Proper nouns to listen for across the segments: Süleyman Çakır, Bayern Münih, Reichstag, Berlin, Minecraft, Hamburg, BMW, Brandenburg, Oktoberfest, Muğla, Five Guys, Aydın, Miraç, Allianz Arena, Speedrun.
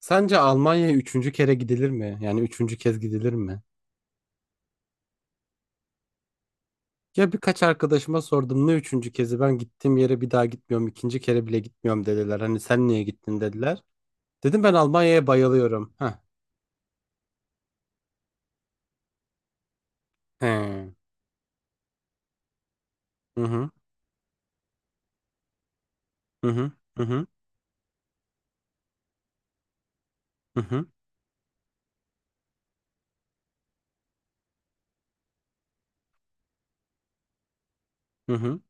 Sence Almanya'ya üçüncü kere gidilir mi? Yani üçüncü kez gidilir mi? Ya birkaç arkadaşıma sordum, ne üçüncü kezi, ben gittiğim yere bir daha gitmiyorum, ikinci kere bile gitmiyorum dediler. Hani sen niye gittin dediler. Dedim ben Almanya'ya bayılıyorum. Heh. He. Hı hı. Hı hı. Hı hı. Hı hı. Hı hı.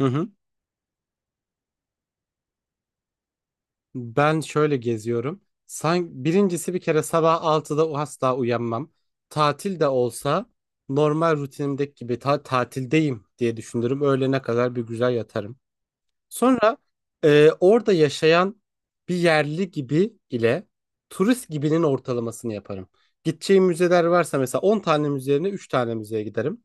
Hı hı. Ben şöyle geziyorum. Sanki birincisi, bir kere sabah 6'da asla uyanmam. Tatil de olsa normal rutinimdeki gibi tatildeyim diye düşünürüm. Öğlene kadar bir güzel yatarım. Sonra orada yaşayan bir yerli gibi ile turist gibinin ortalamasını yaparım. Gideceğim müzeler varsa mesela 10 tane müze yerine 3 tane müzeye giderim.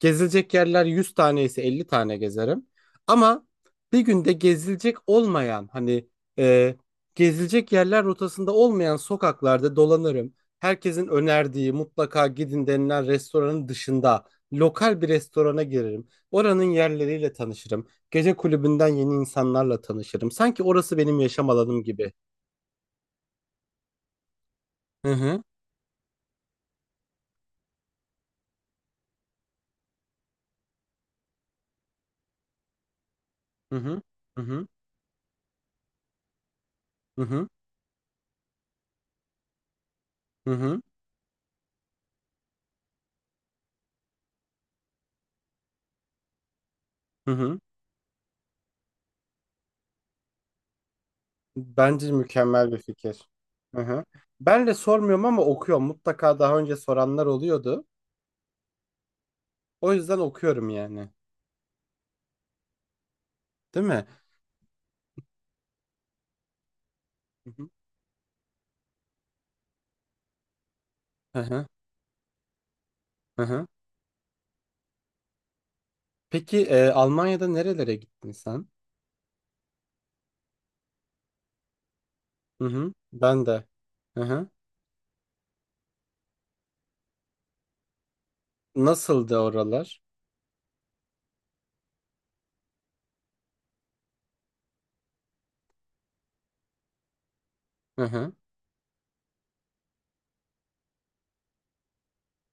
Gezilecek yerler 100 tane ise 50 tane gezerim. Ama bir günde gezilecek olmayan, hani e, gezilecek yerler rotasında olmayan sokaklarda dolanırım. Herkesin önerdiği, mutlaka gidin denilen restoranın dışında lokal bir restorana girerim. Oranın yerleriyle tanışırım. Gece kulübünden yeni insanlarla tanışırım. Sanki orası benim yaşam alanım gibi. Hı hı hı hı hı hı hı hı. Hı. Bence mükemmel bir fikir. Hı hı. Ben de sormuyorum ama okuyorum. Mutlaka daha önce soranlar oluyordu. O yüzden okuyorum yani. Değil mi? Hı hı. Hı hı. Hı hı. Peki Almanya'da nerelere gittin sen? Hı hı. Ben de. Hı hı. Nasıldı oralar? Hı hı.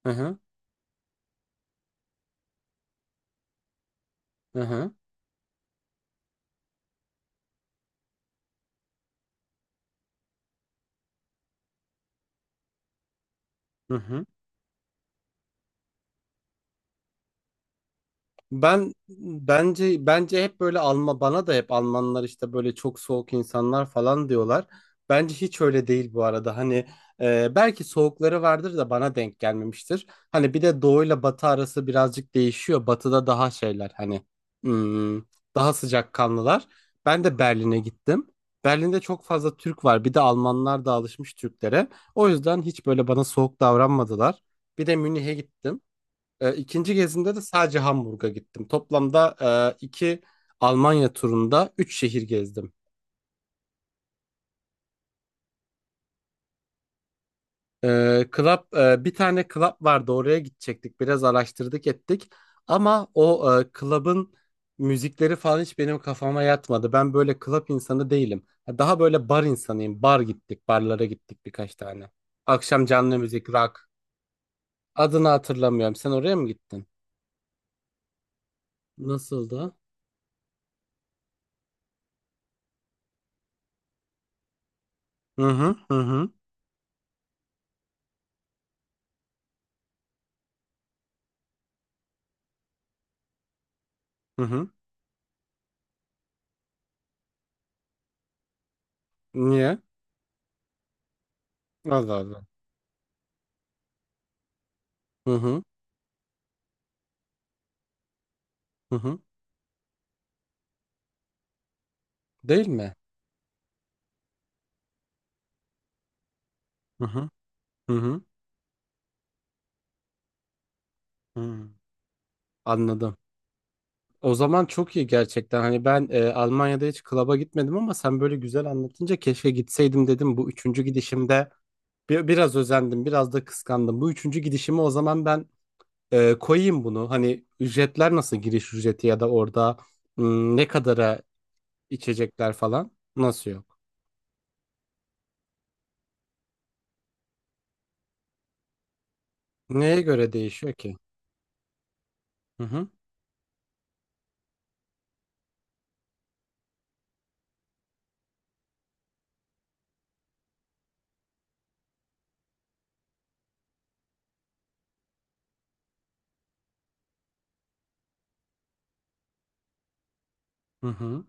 Hı hı. Hı hı. Hı hı. Bence hep böyle Alman, bana da hep Almanlar işte böyle çok soğuk insanlar falan diyorlar. Bence hiç öyle değil bu arada. Hani belki soğukları vardır da bana denk gelmemiştir. Hani bir de doğuyla batı arası birazcık değişiyor. Batıda daha şeyler, hani hmm, daha sıcakkanlılar. Ben de Berlin'e gittim. Berlin'de çok fazla Türk var. Bir de Almanlar da alışmış Türklere. O yüzden hiç böyle bana soğuk davranmadılar. Bir de Münih'e gittim. İkinci gezimde de sadece Hamburg'a gittim. Toplamda iki Almanya turunda üç şehir gezdim. Bir tane club vardı, oraya gidecektik. Biraz araştırdık ettik. Ama o club'ın müzikleri falan hiç benim kafama yatmadı. Ben böyle club insanı değilim. Daha böyle bar insanıyım. Barlara gittik birkaç tane. Akşam canlı müzik, rock. Adını hatırlamıyorum. Sen oraya mı gittin? Nasıldı? Hı hı hı hı. Hı hı. Niye? Allah Allah. Hı hı. Hı hı. Değil mi? Hı hı. Hı hı. Hı. Anladım. O zaman çok iyi gerçekten. Hani ben Almanya'da hiç klaba gitmedim ama sen böyle güzel anlatınca keşke gitseydim dedim. Bu üçüncü gidişimde biraz özendim, biraz da kıskandım. Bu üçüncü gidişimi o zaman ben koyayım bunu. Hani ücretler nasıl, giriş ücreti ya da orada ne kadara içecekler falan, nasıl yok? Neye göre değişiyor ki? Hı hı. Hı hı.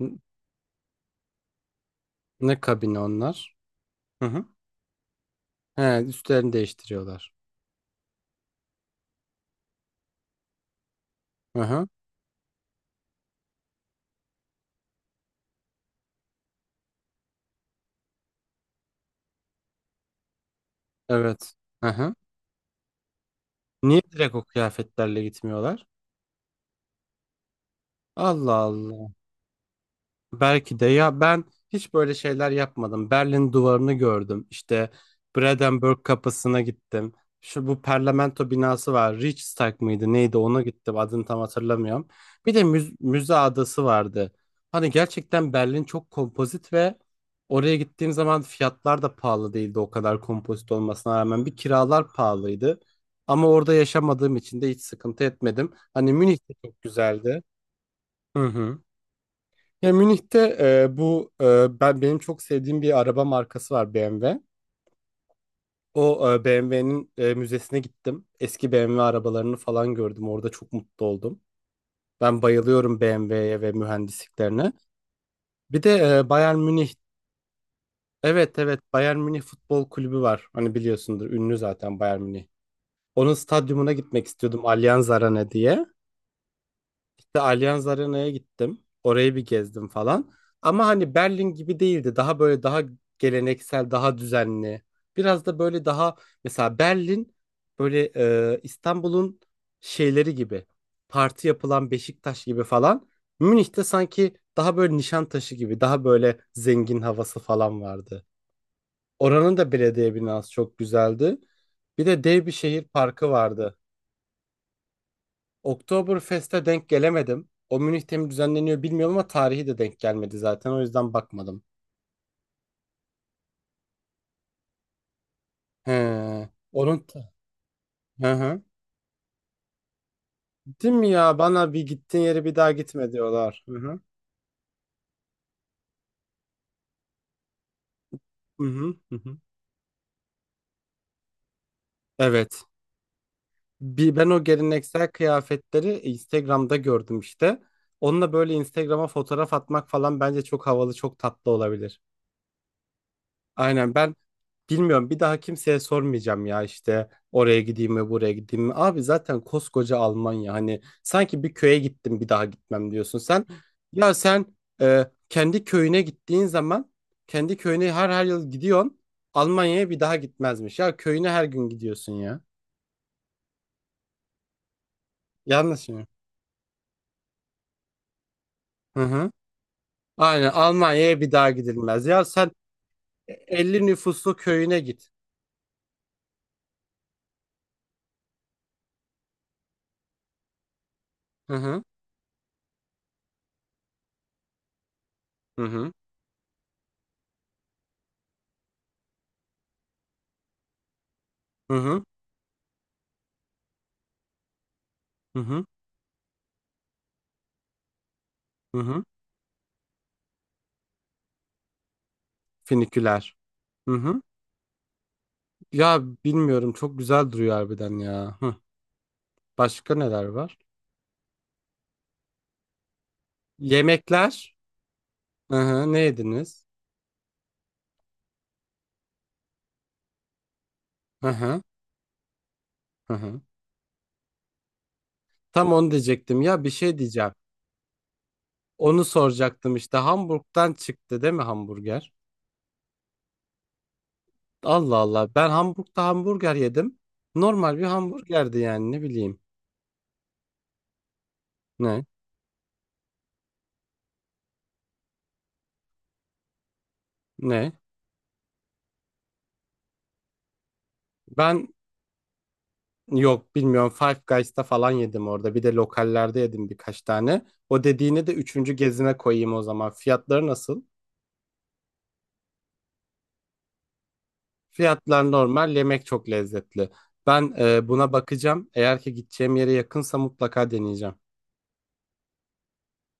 N- Ne kabini onlar? Hı hı. He, üstlerini değiştiriyorlar. Hı hı. Evet. Hı hı. Niye direkt o kıyafetlerle gitmiyorlar? Allah Allah. Belki de, ya, ben hiç böyle şeyler yapmadım. Berlin duvarını gördüm. İşte Brandenburg kapısına gittim. Şu bu parlamento binası var. Reichstag mıydı neydi, ona gittim. Adını tam hatırlamıyorum. Bir de müze adası vardı. Hani gerçekten Berlin çok kompozit ve oraya gittiğim zaman fiyatlar da pahalı değildi o kadar kompozit olmasına rağmen. Bir kiralar pahalıydı. Ama orada yaşamadığım için de hiç sıkıntı etmedim. Hani Münih de çok güzeldi. Hı hı. Ya Münih'te bu benim çok sevdiğim bir araba markası var, BMW. O BMW'nin müzesine gittim. Eski BMW arabalarını falan gördüm. Orada çok mutlu oldum. Ben bayılıyorum BMW'ye ve mühendisliklerine. Bir de Bayern Münih. Evet evet, Bayern Münih Futbol Kulübü var. Hani biliyorsundur, ünlü zaten Bayern Münih. Onun stadyumuna gitmek istiyordum, Allianz Arena diye. İşte Allianz Arena'ya gittim. Orayı bir gezdim falan. Ama hani Berlin gibi değildi. Daha böyle daha geleneksel, daha düzenli. Biraz da böyle daha, mesela Berlin böyle İstanbul'un şeyleri gibi. Parti yapılan Beşiktaş gibi falan. Münih'te sanki daha böyle Nişantaşı gibi, daha böyle zengin havası falan vardı. Oranın da belediye binası çok güzeldi. Bir de dev bir şehir parkı vardı. Oktoberfest'e denk gelemedim. O Münih'te mi düzenleniyor bilmiyorum ama tarihi de denk gelmedi zaten. O yüzden bakmadım. He. Hı hı. Değil mi ya? Bana bir gittiğin yere bir daha gitme diyorlar. Hı hı. Hı hı. Hı hı. Evet. Ben o geleneksel kıyafetleri Instagram'da gördüm işte. Onunla böyle Instagram'a fotoğraf atmak falan bence çok havalı, çok tatlı olabilir. Aynen. Bilmiyorum, bir daha kimseye sormayacağım ya, işte oraya gideyim mi, buraya gideyim mi. Abi zaten koskoca Almanya, hani sanki bir köye gittim bir daha gitmem diyorsun sen. Ya sen kendi köyüne gittiğin zaman kendi köyüne her yıl gidiyorsun. Almanya'ya bir daha gitmezmiş. Ya köyüne her gün gidiyorsun ya. Yanlış mı? Hı hı. Aynen, Almanya'ya bir daha gidilmez. Ya sen 50 nüfuslu köyüne git. Hı hı. Hı hı. Hı hı. Hı hı. Hı hı. Finiküler. Hı hı. Ya bilmiyorum, çok güzel duruyor harbiden ya. Hı. Başka neler var? Yemekler. Hı hı, ne yediniz? Hı hı, hı hı. Tam onu diyecektim, ya bir şey diyeceğim. Onu soracaktım işte, Hamburg'dan çıktı değil mi hamburger? Allah Allah, ben Hamburg'da hamburger yedim. Normal bir hamburgerdi yani, ne bileyim. Ne? Ne? Ben yok bilmiyorum, Five Guys'ta falan yedim orada. Bir de lokallerde yedim birkaç tane. O dediğini de üçüncü gezime koyayım o zaman. Fiyatları nasıl? Fiyatlar normal, yemek çok lezzetli. Ben buna bakacağım. Eğer ki gideceğim yere yakınsa mutlaka deneyeceğim.